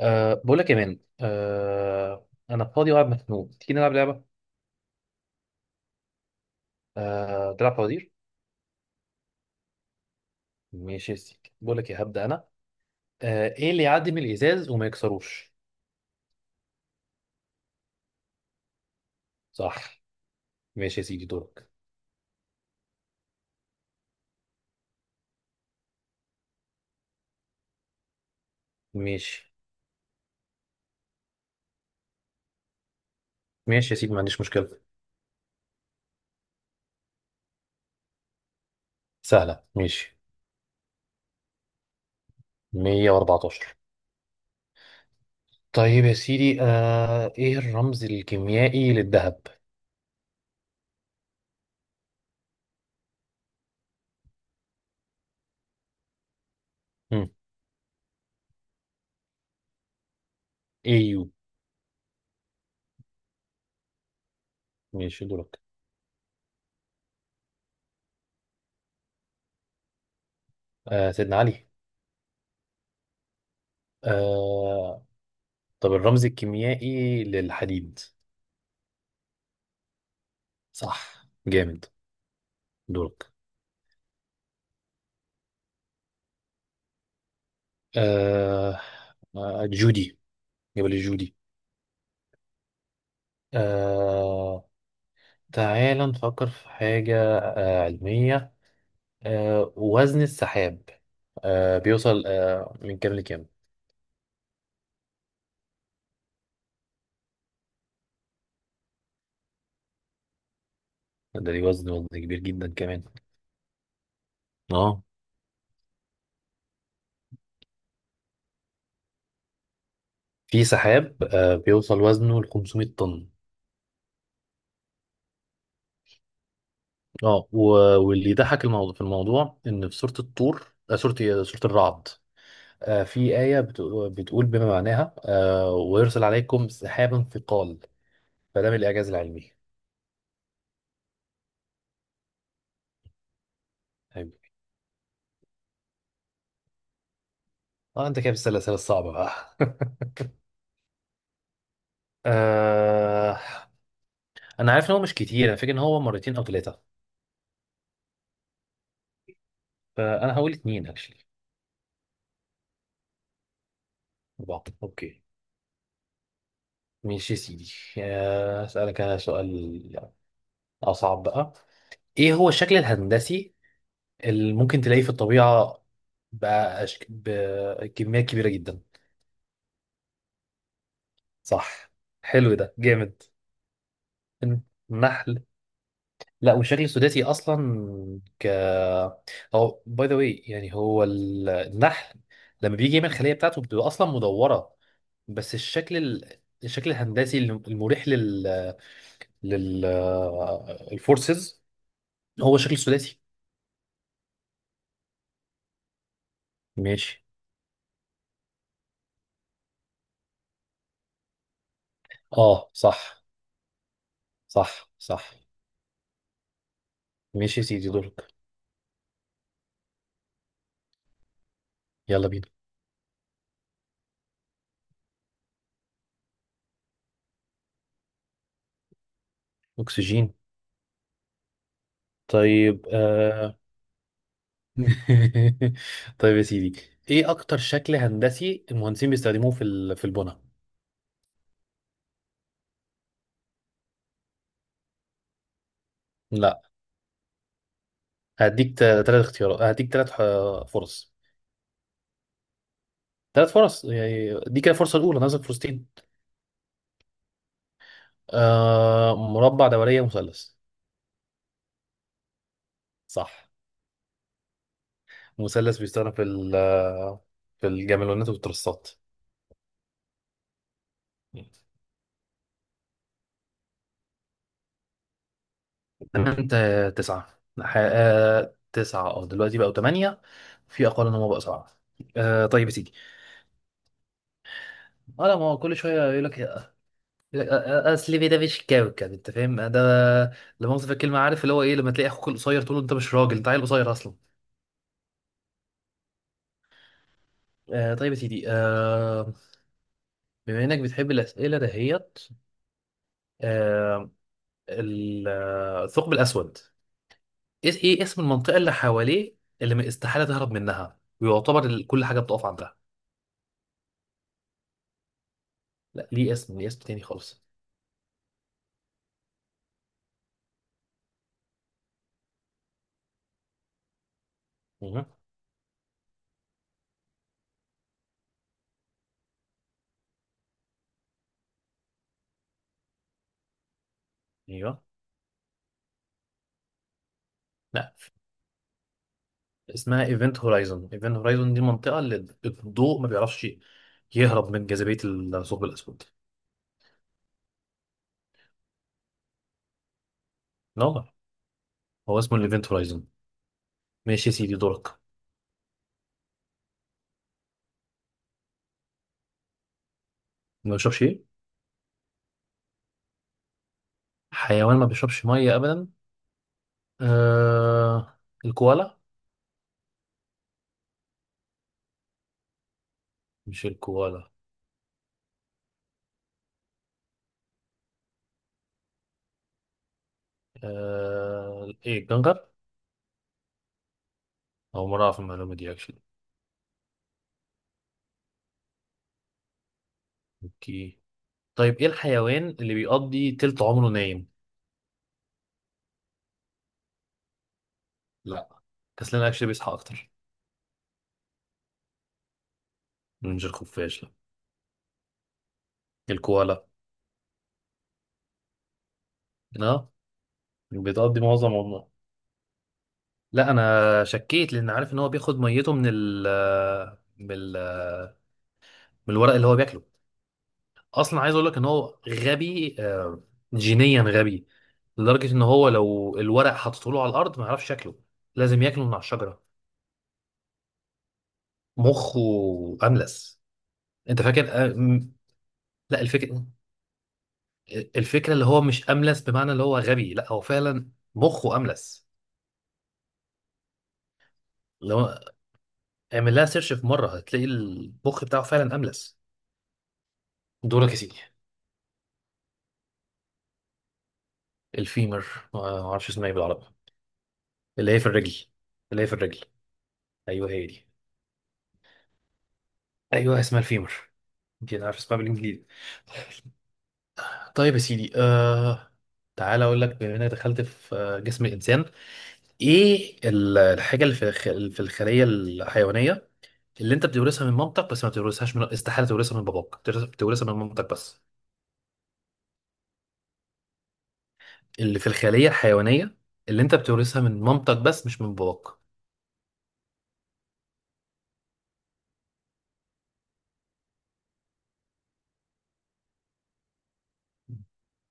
بقول لك يا مان، انا فاضي وقاعد مخنوق، تيجي نلعب لعبه؟ تلعب فوازير. ماشي يا سيدي، بقول لك يا هبدا انا. ايه اللي يعدي من الازاز وما يكسروش؟ صح. ماشي يا سيدي دورك. ماشي. ماشي يا سيدي، ما عنديش مشكله. سهله. ماشي. 114. طيب يا سيدي، ايه الرمز الكيميائي للذهب؟ هم. اي يو. ماشي دورك. سيدنا علي. أه. طب الرمز الكيميائي للحديد؟ صح جامد. دورك. آه. جودي. جبل الجودي. آه. تعال نفكر في حاجة علمية. وزن السحاب. بيوصل من كام لكام؟ ده ليه وزن، كبير جدا كمان. اه. في سحاب بيوصل وزنه ل 500 طن. اه، واللي يضحك الموضوع في الموضوع ان في سورة الطور، آه سورة إيه؟ سورة الرعد. آه، في آية بتقول بما معناها ويرسل عليكم سحابا ثقال. فده من الإعجاز العلمي. اه انت كده بتسأل الأسئلة الصعبة بقى. آه... انا عارف ان هو مش كتير، انا فاكر ان هو مرتين او ثلاثة. فانا هقول اتنين اكشلي بعض. اوكي ماشي يا سيدي. اسألك انا سؤال اصعب بقى. ايه هو الشكل الهندسي اللي ممكن تلاقيه في الطبيعة بقى بكميات كبيرة جدا؟ صح. حلو ده جامد. النحل. لا، والشكل السوداتي اصلا. ك هو باي ذا واي، يعني هو النحل لما بيجي يعمل الخليه بتاعته بتبقى اصلا مدوره، بس الشكل الهندسي المريح لل الفورسز هو شكل سوداتي. ماشي. اه صح، صح. ماشي يا سيدي دورك. يلا بينا. اكسجين. طيب طيب يا سيدي، ايه اكتر شكل هندسي المهندسين بيستخدموه في في البناء؟ لا. هديك ثلاث اختيارات، هديك ثلاث فرص ثلاث فرص، يعني دي كده الفرصة الأولى نازل فرصتين. آه، مربع، دورية، مثلث. صح. مثلث بيستخدم في في الجاملونات والترسات. تمام انت. تسعة، تسعة، اه دلوقتي بقوا ثمانية. في أقل إن هم بقوا سبعة. آه طيب يا سيدي. اه لا، ما هو كل شوية يقول لك، أصل ده مش كوكب، أنت فاهم ده؟ لما أوصف الكلمة، عارف اللي هو إيه؟ لما تلاقي أخوك القصير تقول له أنت مش راجل، أنت عيل قصير أصلا. آه طيب يا سيدي، بما انك بتحب الاسئله دهيت، آه، الثقب الاسود. إيه اسم المنطقه اللي حواليه، اللي ما استحاله تهرب منها، ويعتبر كل حاجه بتقف عندها؟ لا، ليه اسم، ليه اسم تاني خالص. مهم. ايوه. لا، اسمها ايفنت هورايزون. ايفنت هورايزون دي المنطقه اللي الضوء ما بيعرفش يهرب من جاذبيه الثقب الاسود. لا والله، هو اسمه الايفنت هورايزون. ماشي يا سيدي دورك. ما بيشربش ايه؟ حيوان ما بيشربش ميه ابدا؟ آه، الكوالا. مش الكوالا؟ آه، ايه الكنغر. او مرة اعرف المعلومة دي اكشلي. اوكي. طيب ايه الحيوان اللي بيقضي تلت عمره نايم؟ لا، كسلان اكشلي بيصحى اكتر. مش الخفاش، لا. الكوالا. اه. بتقضي معظم عمره. لا انا شكيت لان عارف ان هو بياخد ميته من ال من ال من الورق اللي هو بياكله. اصلا عايز اقول لك ان هو غبي، جينيا غبي، لدرجة ان هو لو الورق حطيته له على الارض ما يعرفش شكله، لازم ياكله من على الشجرة. مخه املس. انت فاكر؟ لا، الفكرة، الفكرة اللي هو مش املس بمعنى اللي هو غبي، لا هو فعلا مخه املس. لو اعمل لها سيرش في مرة هتلاقي المخ بتاعه فعلا املس. دورك يا سيدي. الفيمر. ما اعرفش اسمها ايه بالعربي. اللي هي في الرجل. اللي هي في الرجل. ايوه هي دي. ايوه اسمها الفيمر. يمكن عارف اسمها بالانجليزي. طيب يا سيدي آه. تعالى اقول لك بما انك دخلت في جسم الانسان، ايه الحاجه اللي في في الخليه الحيوانيه اللي انت بتورثها من مامتك بس، ما بتورثهاش من استحاله تورثها من باباك، بتورثها من مامتك بس؟ اللي في الخليه الحيوانيه اللي انت بتورثها من مامتك بس مش من باباك.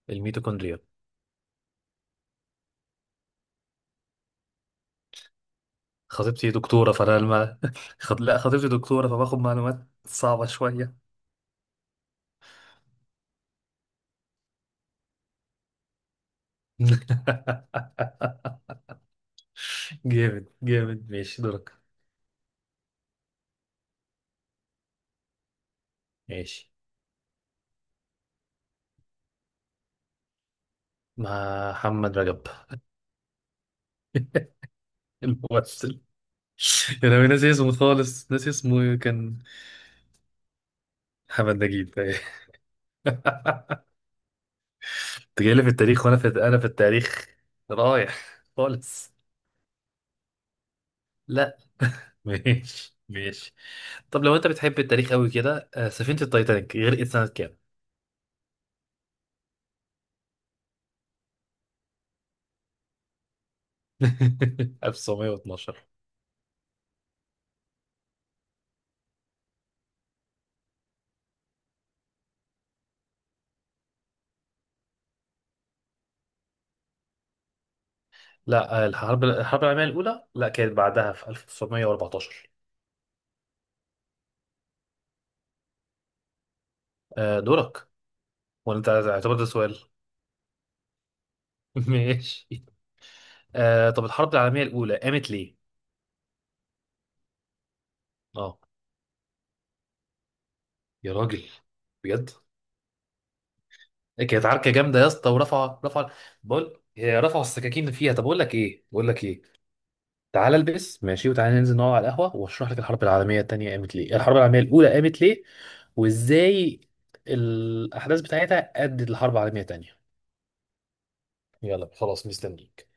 الميتوكوندريا. خطيبتي دكتوره فانا لما خط... لا خطيبتي دكتوره فباخد معلومات صعبه شويه. جامد جامد. ماشي دورك. ماشي. محمد رجب. الممثل. انا ناسي اسمه خالص، ناسي اسمه. إيه، كان. محمد نجيب. انت جاي لي في التاريخ، وانا في انا في التاريخ رايح خالص. لا ماشي ماشي. طب لو انت بتحب التاريخ قوي كده، سفينة التايتانيك غرقت سنة كام؟ 1912. لا الحرب العالمية الأولى لا، كانت بعدها في 1914. دورك. ولا انت اعتبر ده سؤال؟ ماشي. طب الحرب العالمية الأولى قامت ليه؟ اه، يا راجل. بجد؟ إيه، كانت عركه جامده يا اسطى، رفع بقول هي رفعوا السكاكين اللي فيها. طب اقول لك ايه، بقول لك ايه، تعالى البس ماشي، وتعالى ننزل نقعد على القهوه واشرح لك الحرب العالميه الثانيه قامت ليه، الحرب العالميه الاولى قامت ليه، وازاي الاحداث بتاعتها ادت لحرب عالميه ثانيه. يلا خلاص مستنيك.